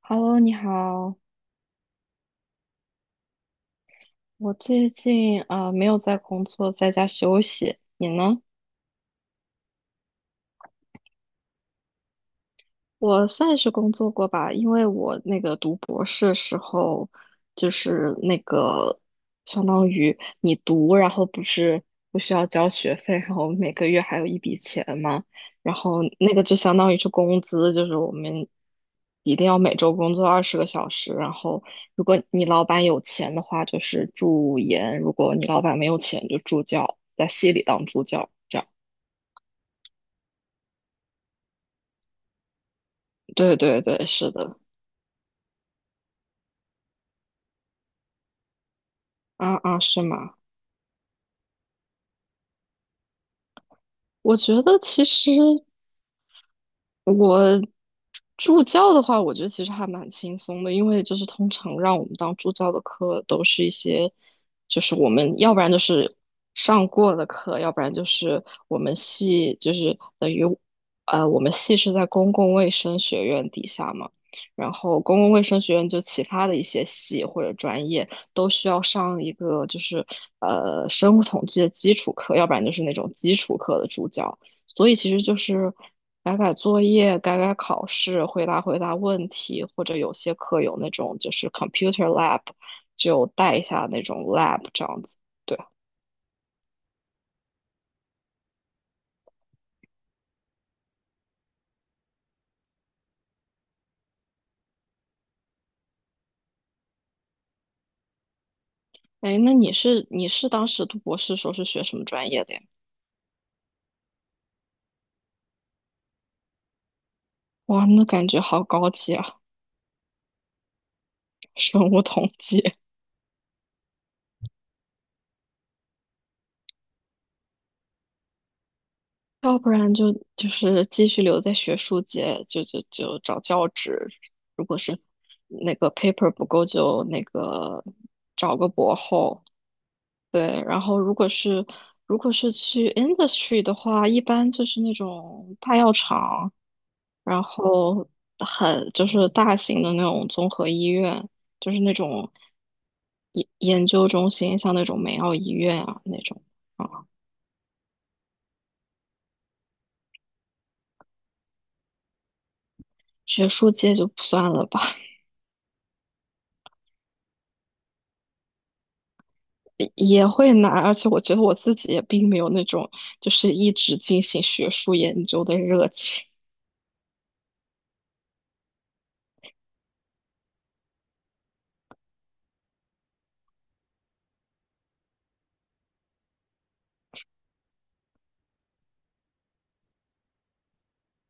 Hello，你好，我最近没有在工作，在家休息。你呢？我算是工作过吧，因为我那个读博士时候，就是那个相当于你读，然后不需要交学费，然后每个月还有一笔钱嘛，然后那个就相当于是工资，就是我们一定要每周工作20个小时，然后如果你老板有钱的话，就是助研；如果你老板没有钱，就助教，在系里当助教，这样。对对对，是的，啊啊，是吗？我觉得其实我助教的话，我觉得其实还蛮轻松的，因为就是通常让我们当助教的课都是一些，就是我们要不然就是上过的课，要不然就是我们系就是等于，我们系是在公共卫生学院底下嘛，然后公共卫生学院就其他的一些系或者专业都需要上一个就是生物统计的基础课，要不然就是那种基础课的助教。所以其实就是改改作业、改改考试、回答回答问题，或者有些课有那种就是 computer lab，就带一下那种 lab 这样子。对，哎，那你是当时读博士时候是学什么专业的呀？哇，那感觉好高级啊，生物统计。要不然就是继续留在学术界，就找教职。如果是那个 paper 不够，就那个找个博后。对，然后如果是去 industry 的话，一般就是那种大药厂，然后很就是大型的那种综合医院，就是那种研究中心，像那种梅奥医院啊那种啊，学术界就不算了吧，也会难，而且我觉得我自己也并没有那种就是一直进行学术研究的热情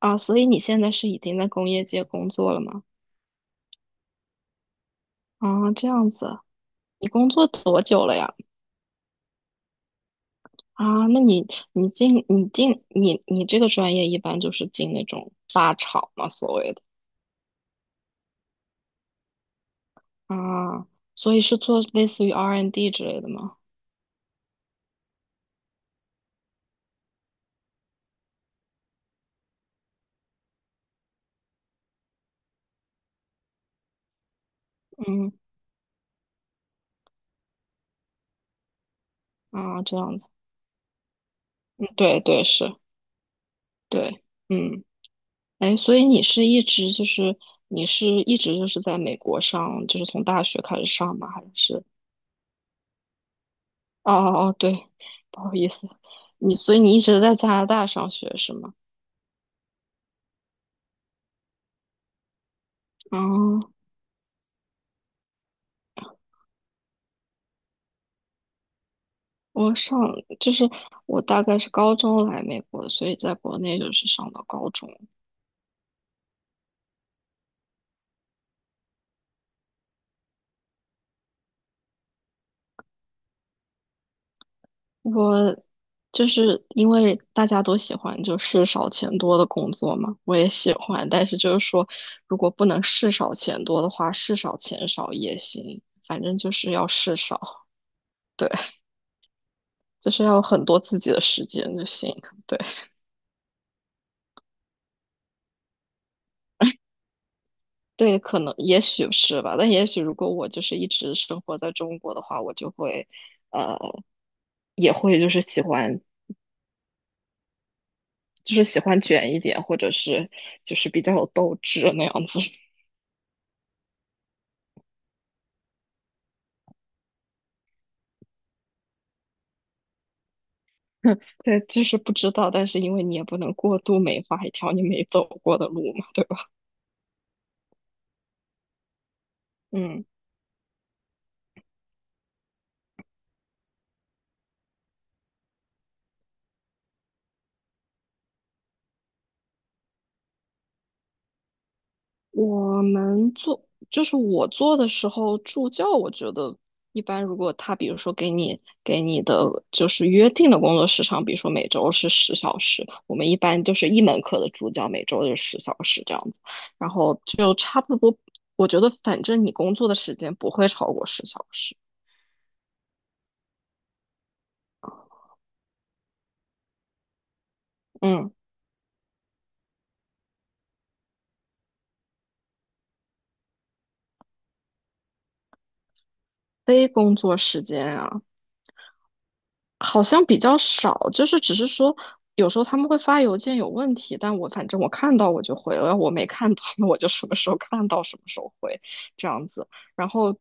啊，所以你现在是已经在工业界工作了吗？啊，这样子。你工作多久了呀？啊，那你你进你进你你这个专业一般就是进那种大厂嘛，所谓的啊，所以是做类似于 R&D n 之类的吗？嗯啊，这样子，嗯对对是，对，嗯，哎，所以你是一直就是在美国上，就是从大学开始上吗？还是哦哦哦，对，不好意思，所以你一直在加拿大上学是吗？哦，我上就是我大概是高中来美国的，所以在国内就是上到高中。我就是因为大家都喜欢就是少钱多的工作嘛，我也喜欢，但是就是说，如果不能事少钱多的话，事少钱少也行，反正就是要事少，对，就是要有很多自己的时间就行，对。对，可能也许是吧，但也许如果我就是一直生活在中国的话，我就会，呃，也会就是喜欢卷一点，或者是就是比较有斗志那样子。对，就是不知道，但是因为你也不能过度美化一条你没走过的路嘛，对吧？嗯，我们做就是我做的时候助教，我觉得一般，如果他比如说给你的就是约定的工作时长，比如说每周是十小时，我们一般就是一门课的助教每周就是十小时这样子，然后就差不多。我觉得反正你工作的时间不会超过十小时。嗯，非工作时间啊，好像比较少，就是只是说有时候他们会发邮件有问题，但我反正我看到我就回了，我没看到那我就什么时候看到什么时候回这样子。然后，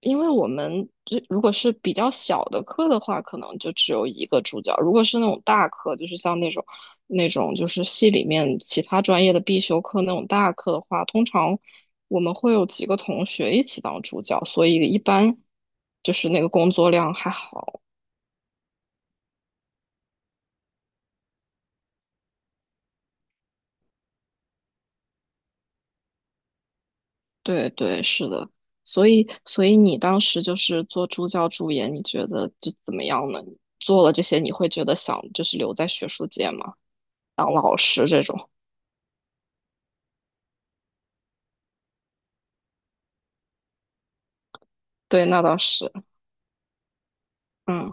因为我们这如果是比较小的课的话，可能就只有一个助教；如果是那种大课，就是像那种就是系里面其他专业的必修课那种大课的话，通常我们会有几个同学一起当助教，所以一般就是那个工作量还好。对对，是的，所以你当时就是做助教助研，你觉得就怎么样呢？做了这些，你会觉得想就是留在学术界吗？当老师这种？对，那倒是，嗯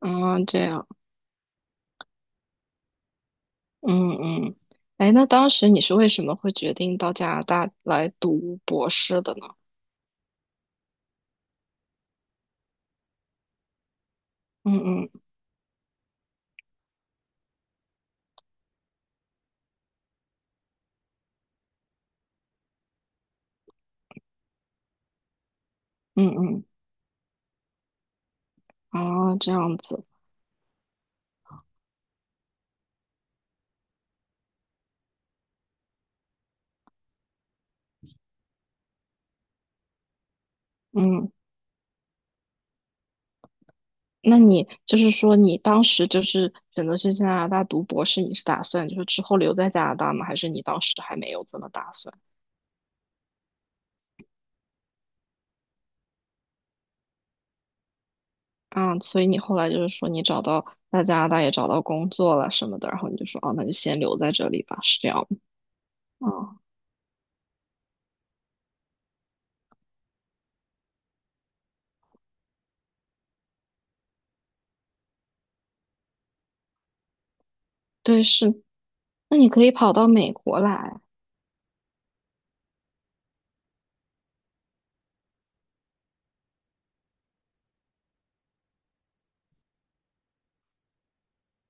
嗯，这样，嗯嗯，哎，那当时你是为什么会决定到加拿大来读博士的呢？嗯嗯嗯嗯，啊，这样子，嗯。那你就是说，你当时就是选择去加拿大读博士，你是打算就是之后留在加拿大吗？还是你当时还没有这么打算？啊，所以你后来就是说你找到在加拿大也找到工作了什么的，然后你就说哦，那就先留在这里吧，是这样吗？哦，对，是。那你可以跑到美国来，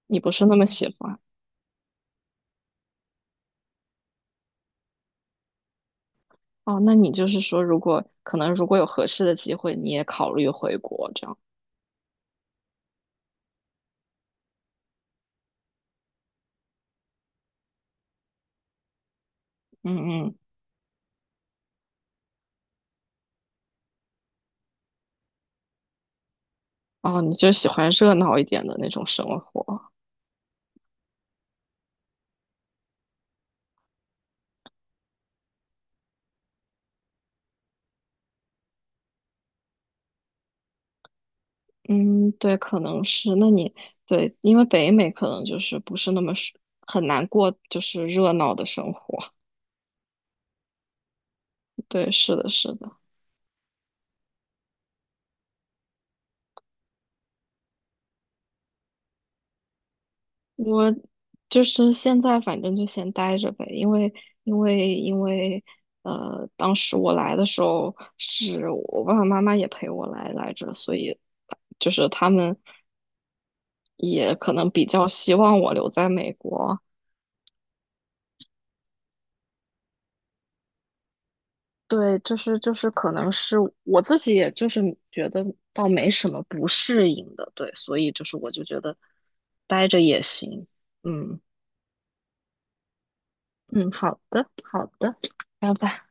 你不是那么喜欢哦？那你就是说，如果可能，如果有合适的机会，你也考虑回国这样。嗯嗯，哦，你就喜欢热闹一点的那种生活。嗯，对，可能是。那你对，因为北美可能就是不是那么是很难过，就是热闹的生活。对，是的，是的。我就是现在反正就先待着呗，因为当时我来的时候是我爸爸妈妈也陪我来来着，所以就是他们也可能比较希望我留在美国。对，就是可能是我自己，也就是觉得倒没什么不适应的，对，所以就是我就觉得待着也行，嗯嗯，好的好的，拜拜。